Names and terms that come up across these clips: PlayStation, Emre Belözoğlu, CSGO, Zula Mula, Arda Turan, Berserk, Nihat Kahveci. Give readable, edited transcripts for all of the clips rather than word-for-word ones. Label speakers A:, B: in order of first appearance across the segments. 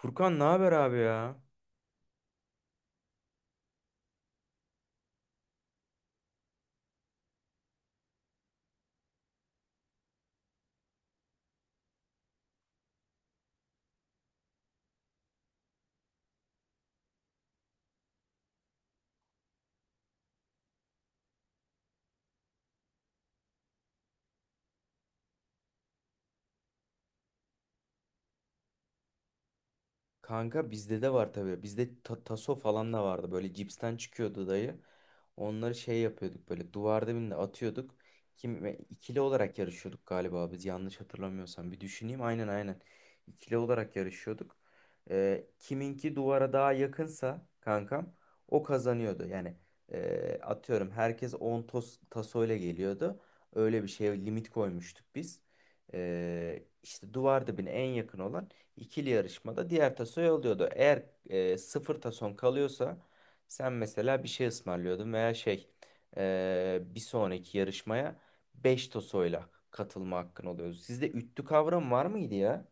A: Furkan ne haber abi ya? Kanka bizde de var tabii. Bizde taso falan da vardı. Böyle cipsten çıkıyordu dayı. Onları şey yapıyorduk böyle duvarda birine atıyorduk. Kim ve ikili olarak yarışıyorduk galiba biz yanlış hatırlamıyorsam. Bir düşüneyim, aynen aynen. İkili olarak yarışıyorduk. Kiminki duvara daha yakınsa kankam o kazanıyordu. Yani atıyorum herkes 10 tasoyla geliyordu. Öyle bir şeye limit koymuştuk biz. İşte duvar dibine en yakın olan ikili yarışmada diğer tasoyu alıyordu. Eğer sıfır tason kalıyorsa sen mesela bir şey ısmarlıyordun veya şey, bir sonraki yarışmaya 5 tosoyla katılma hakkın oluyordu. Sizde üttü kavramı var mıydı ya?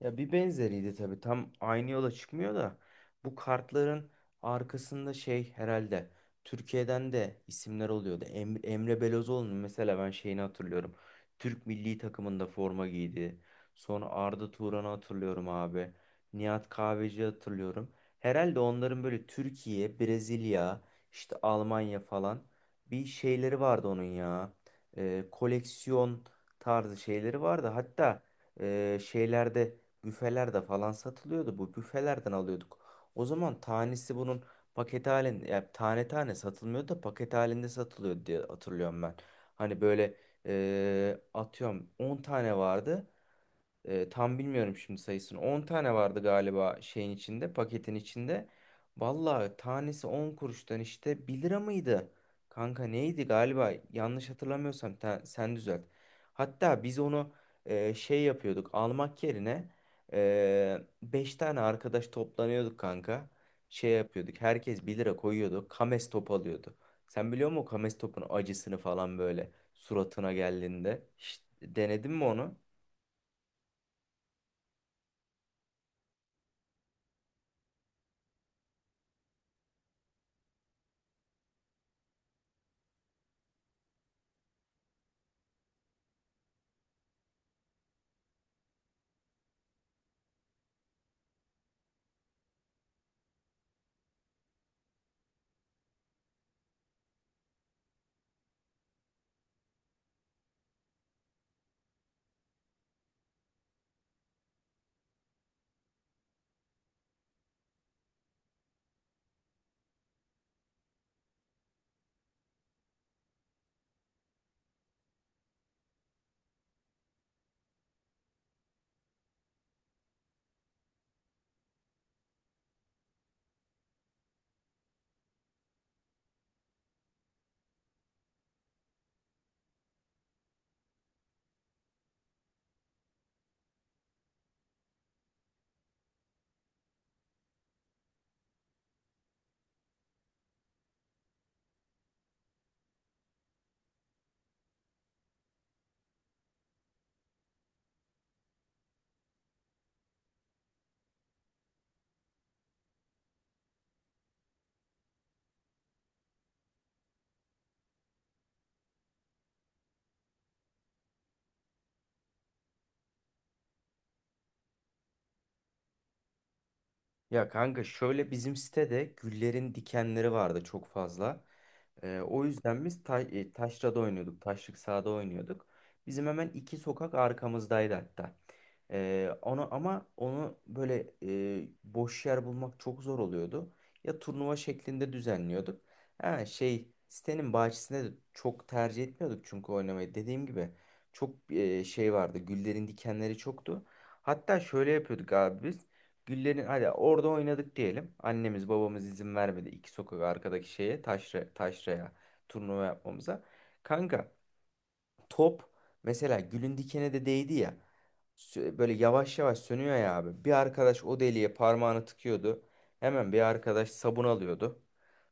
A: Ya bir benzeriydi tabii. Tam aynı yola çıkmıyor da bu kartların arkasında şey, herhalde Türkiye'den de isimler oluyordu. Emre Belözoğlu'nun mesela ben şeyini hatırlıyorum. Türk milli takımında forma giydi. Sonra Arda Turan'ı hatırlıyorum abi. Nihat Kahveci hatırlıyorum. Herhalde onların böyle Türkiye, Brezilya, işte Almanya falan bir şeyleri vardı onun ya. Koleksiyon tarzı şeyleri vardı. Hatta şeylerde, büfelerde falan satılıyordu. Bu büfelerden alıyorduk. O zaman tanesi bunun paket halinde, ya tane tane satılmıyordu da paket halinde satılıyordu diye hatırlıyorum ben. Hani böyle atıyorum 10 tane vardı. Tam bilmiyorum şimdi sayısını. 10 tane vardı galiba şeyin içinde, paketin içinde. Vallahi tanesi 10 kuruştan işte 1 lira mıydı? Kanka neydi galiba? Yanlış hatırlamıyorsam sen düzelt. Hatta biz onu şey yapıyorduk. Almak yerine 5 tane arkadaş toplanıyorduk kanka. Şey yapıyorduk. Herkes 1 lira koyuyordu. Kames top alıyordu. Sen biliyor musun o Kames topun acısını falan, böyle suratına geldiğinde? Hiç denedin mi onu? Ya kanka, şöyle bizim sitede güllerin dikenleri vardı çok fazla. O yüzden biz taşrada oynuyorduk. Taşlık sahada oynuyorduk. Bizim hemen iki sokak arkamızdaydı hatta. Onu, ama onu böyle boş yer bulmak çok zor oluyordu. Ya, turnuva şeklinde düzenliyorduk. Ha, şey, sitenin bahçesinde de çok tercih etmiyorduk çünkü oynamayı. Dediğim gibi çok şey vardı. Güllerin dikenleri çoktu. Hatta şöyle yapıyorduk abi biz. Güllerin, hadi orada oynadık diyelim. Annemiz babamız izin vermedi iki sokak arkadaki şeye, taşraya turnuva yapmamıza. Kanka, top mesela gülün dikene de değdi ya. Böyle yavaş yavaş sönüyor ya abi. Bir arkadaş o deliğe parmağını tıkıyordu. Hemen bir arkadaş sabun alıyordu.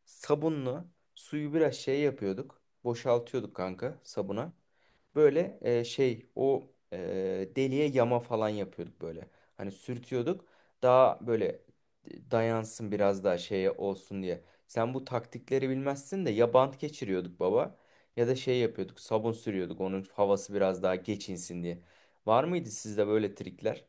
A: Sabunlu suyu biraz şey yapıyorduk. Boşaltıyorduk kanka sabuna. Böyle şey, o deliye yama falan yapıyorduk böyle. Hani sürtüyorduk. Daha böyle dayansın, biraz daha şeye olsun diye. Sen bu taktikleri bilmezsin de ya, bant geçiriyorduk baba, ya da şey yapıyorduk, sabun sürüyorduk onun havası biraz daha geçinsin diye. Var mıydı sizde böyle trikler?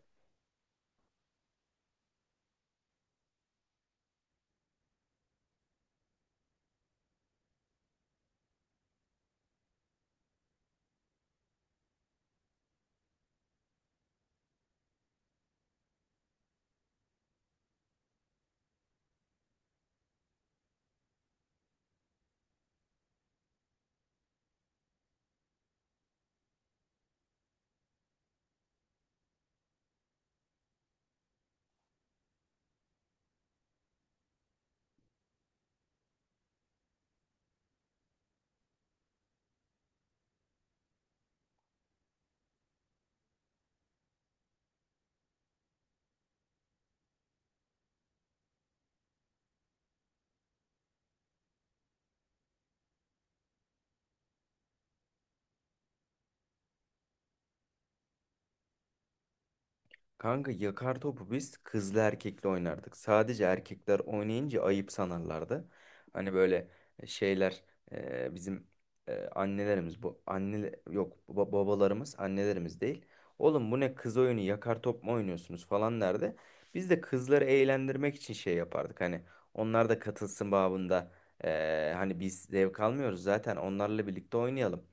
A: Kanka, yakar topu biz kızlı erkekli oynardık. Sadece erkekler oynayınca ayıp sanarlardı. Hani böyle şeyler, bizim annelerimiz, bu anne yok, babalarımız annelerimiz değil. Oğlum, bu ne kız oyunu, yakar top mu oynuyorsunuz falan derdi. Biz de kızları eğlendirmek için şey yapardık. Hani onlar da katılsın babında. Hani biz zevk almıyoruz zaten, onlarla birlikte oynayalım.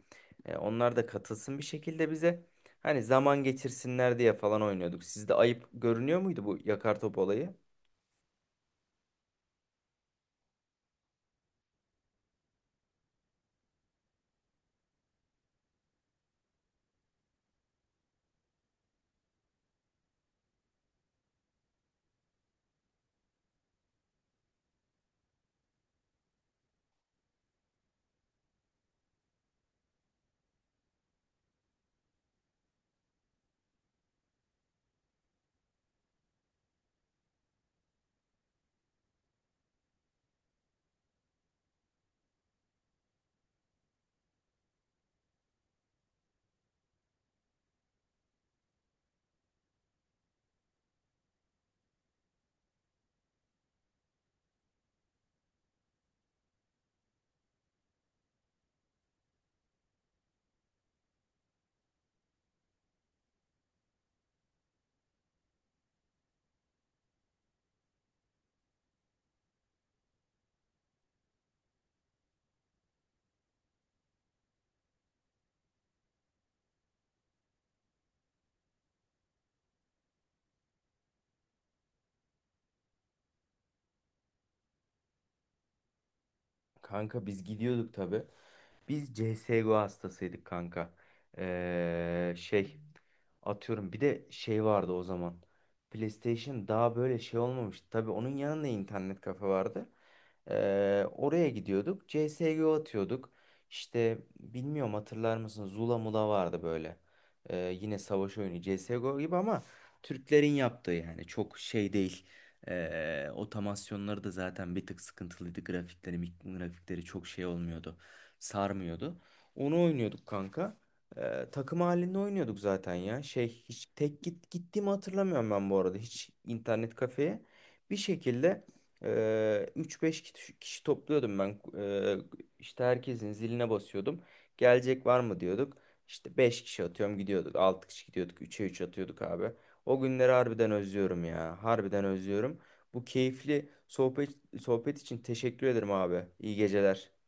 A: Onlar da katılsın bir şekilde bize. Hani zaman geçirsinler diye falan oynuyorduk. Sizde ayıp görünüyor muydu bu yakar top olayı? Kanka biz gidiyorduk tabii. Biz CSGO hastasıydık kanka. Şey, atıyorum bir de şey vardı o zaman. PlayStation daha böyle şey olmamıştı. Tabii onun yanında internet kafe vardı. Oraya gidiyorduk. CSGO atıyorduk. İşte bilmiyorum, hatırlar mısın? Zula Mula vardı böyle. Yine savaş oyunu, CSGO gibi ama Türklerin yaptığı, yani çok şey değil. Otomasyonları da zaten bir tık sıkıntılıydı. Grafikleri, grafikleri çok şey olmuyordu. Sarmıyordu. Onu oynuyorduk kanka. Takım halinde oynuyorduk zaten ya. Şey, hiç tek gittiğimi hatırlamıyorum ben bu arada. Hiç internet kafeye. Bir şekilde e, 3-5 kişi topluyordum ben. İşte herkesin ziline basıyordum. Gelecek var mı diyorduk. İşte 5 kişi atıyorum gidiyorduk. Altı kişi gidiyorduk. 3'e 3 atıyorduk abi. O günleri harbiden özlüyorum ya. Harbiden özlüyorum. Bu keyifli sohbet için teşekkür ederim abi. İyi geceler.